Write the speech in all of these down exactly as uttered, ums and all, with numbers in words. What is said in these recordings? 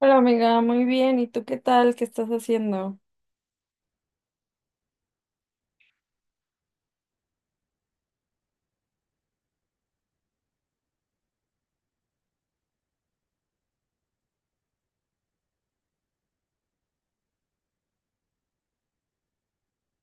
Hola amiga, muy bien. ¿Y tú qué tal? ¿Qué estás haciendo?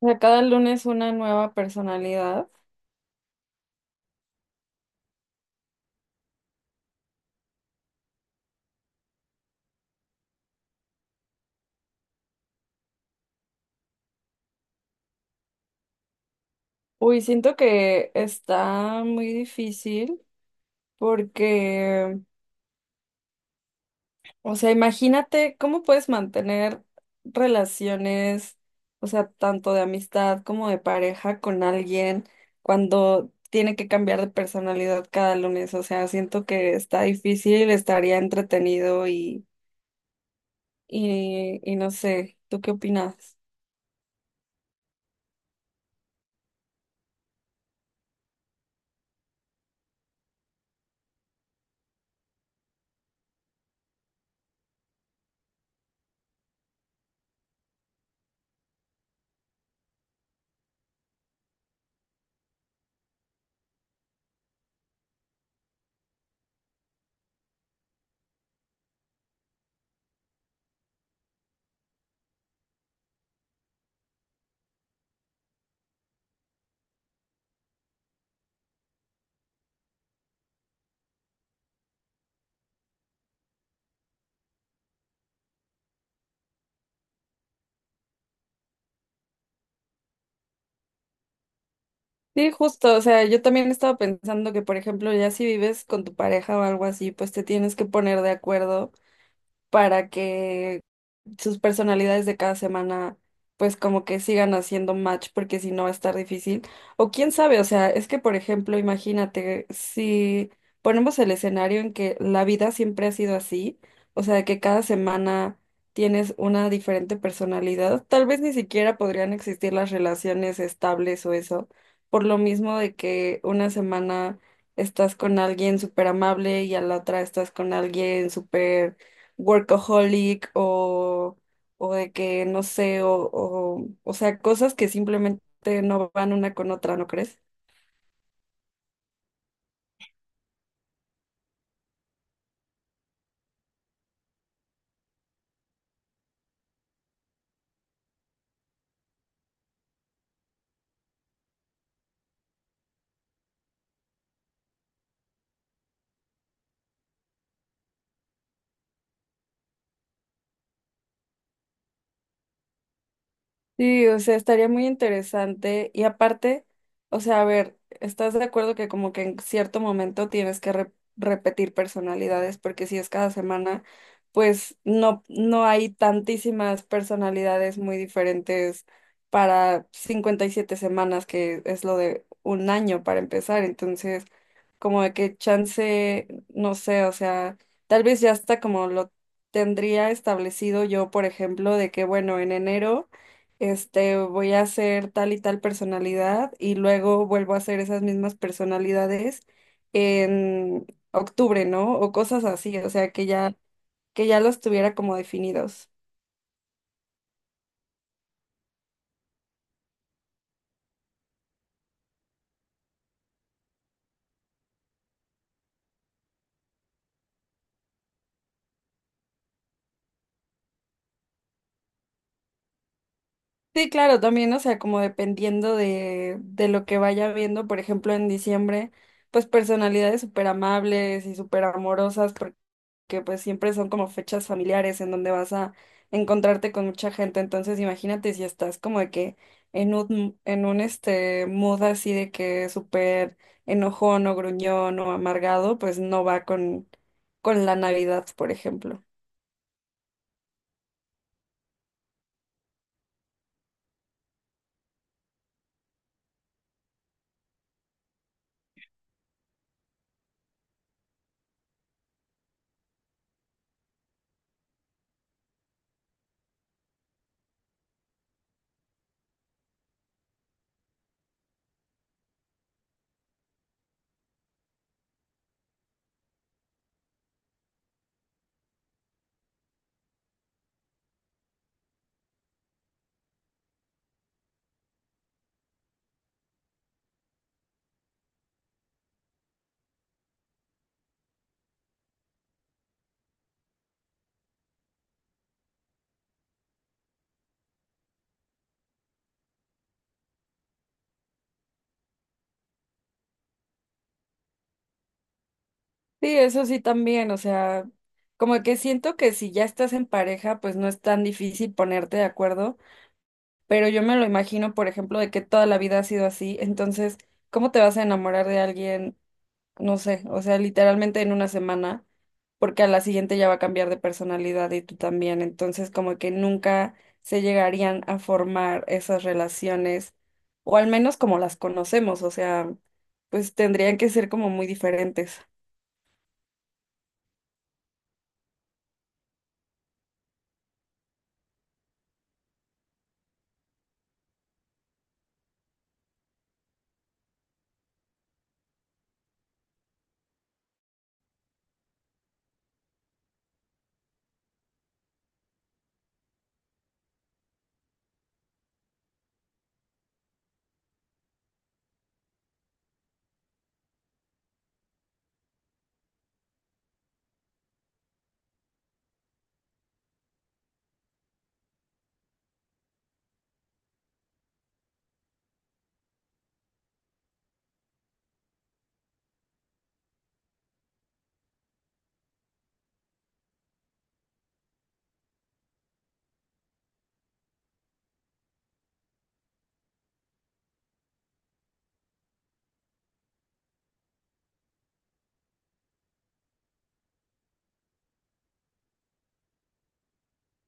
O sea, cada lunes una nueva personalidad. Uy, siento que está muy difícil porque, o sea, imagínate cómo puedes mantener relaciones, o sea, tanto de amistad como de pareja con alguien cuando tiene que cambiar de personalidad cada lunes. O sea, siento que está difícil, estaría entretenido y, y, y no sé, ¿tú qué opinas? Sí, justo, o sea, yo también estaba pensando que, por ejemplo, ya si vives con tu pareja o algo así, pues te tienes que poner de acuerdo para que sus personalidades de cada semana pues como que sigan haciendo match porque si no va a estar difícil. O quién sabe, o sea, es que por ejemplo, imagínate, si ponemos el escenario en que la vida siempre ha sido así, o sea, que cada semana tienes una diferente personalidad, tal vez ni siquiera podrían existir las relaciones estables o eso, por lo mismo de que una semana... Estás con alguien súper amable y a la otra estás con alguien súper workaholic o, o de que no sé, o, o, o sea, cosas que simplemente no van una con otra, ¿no crees? Sí, o sea, estaría muy interesante. Y aparte, o sea, a ver, ¿estás de acuerdo que como que en cierto momento tienes que re- repetir personalidades? Porque si es cada semana, pues no, no hay tantísimas personalidades muy diferentes para cincuenta y siete semanas, que es lo de un año para empezar. Entonces, como de que chance, no sé, o sea, tal vez ya está como lo tendría establecido yo, por ejemplo, de que bueno, en enero este, voy a hacer tal y tal personalidad y luego vuelvo a hacer esas mismas personalidades en octubre, ¿no? O cosas así, o sea, que ya, que ya los tuviera como definidos. Sí, claro, también, o sea, como dependiendo de, de lo que vaya viendo, por ejemplo, en diciembre, pues personalidades súper amables y súper amorosas, que pues siempre son como fechas familiares en donde vas a encontrarte con mucha gente. Entonces imagínate si estás como de que en un, en un este mood así de que súper enojón o gruñón o amargado, pues no va con, con la Navidad, por ejemplo. Sí, eso sí también, o sea, como que siento que si ya estás en pareja, pues no es tan difícil ponerte de acuerdo, pero yo me lo imagino, por ejemplo, de que toda la vida ha sido así, entonces, ¿cómo te vas a enamorar de alguien? no sé, o sea, literalmente en una semana, porque a la siguiente ya va a cambiar de personalidad y tú también, entonces como que nunca se llegarían a formar esas relaciones, o al menos como las conocemos, o sea, pues tendrían que ser como muy diferentes.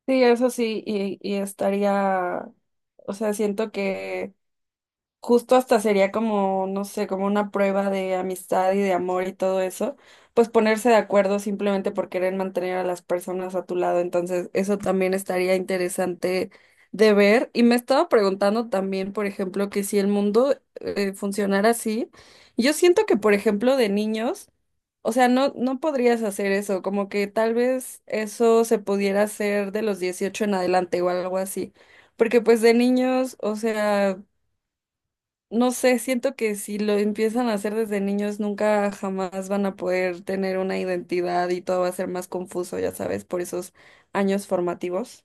Sí, eso sí, y, y estaría, o sea, siento que justo hasta sería como, no sé, como una prueba de amistad y de amor y todo eso, pues ponerse de acuerdo simplemente por querer mantener a las personas a tu lado. Entonces, eso también estaría interesante de ver. Y me estaba preguntando también, por ejemplo, que si el mundo eh, funcionara así, yo siento que, por ejemplo, de niños, o sea, no, no podrías hacer eso, como que tal vez eso se pudiera hacer de los dieciocho en adelante o algo así. Porque pues de niños, o sea, no sé, siento que si lo empiezan a hacer desde niños, nunca jamás van a poder tener una identidad y todo va a ser más confuso, ya sabes, por esos años formativos.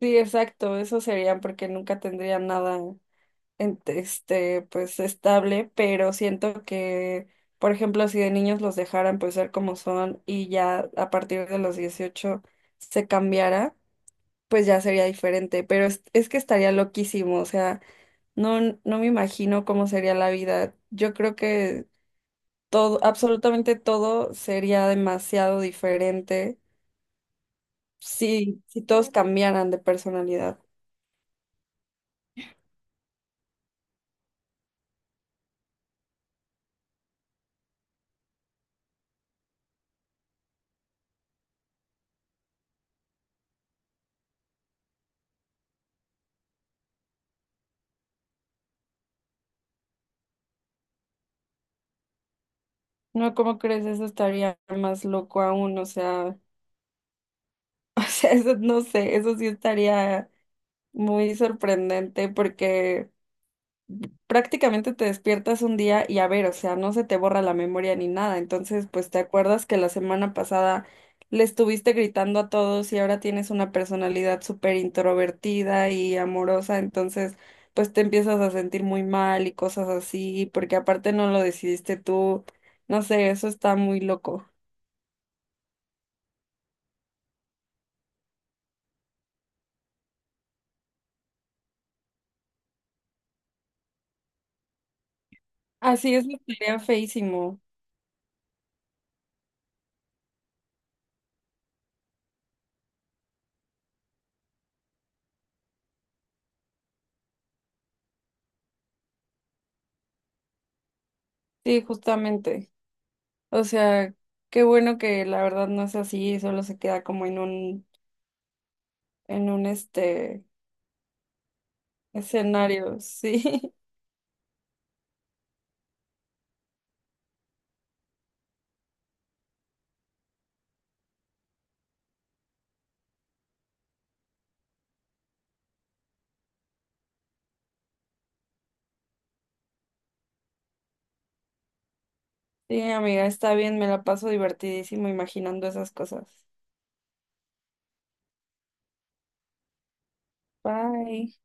Sí, exacto, eso sería porque nunca tendrían nada en- este, pues estable, pero siento que, por ejemplo, si de niños los dejaran pues ser como son y ya a partir de los dieciocho se cambiara pues ya sería diferente, pero es, es que estaría loquísimo, o sea, no, no me imagino cómo sería la vida. Yo creo que todo, absolutamente todo sería demasiado diferente si, si todos cambiaran de personalidad. No, ¿cómo crees? Eso estaría más loco aún, o sea, o sea, eso no sé, eso sí estaría muy sorprendente porque prácticamente te despiertas un día y a ver, o sea, no se te borra la memoria ni nada. Entonces, pues te acuerdas que la semana pasada le estuviste gritando a todos y ahora tienes una personalidad súper introvertida y amorosa, entonces, pues te empiezas a sentir muy mal y cosas así, porque aparte no lo decidiste tú. No sé, eso está muy loco. Así es, estaría feísimo. Sí, justamente. O sea, qué bueno que la verdad no es así, solo se queda como en un, en un, este Escenarios, sí. Sí, amiga, está bien, me la paso divertidísimo imaginando esas cosas. Bye.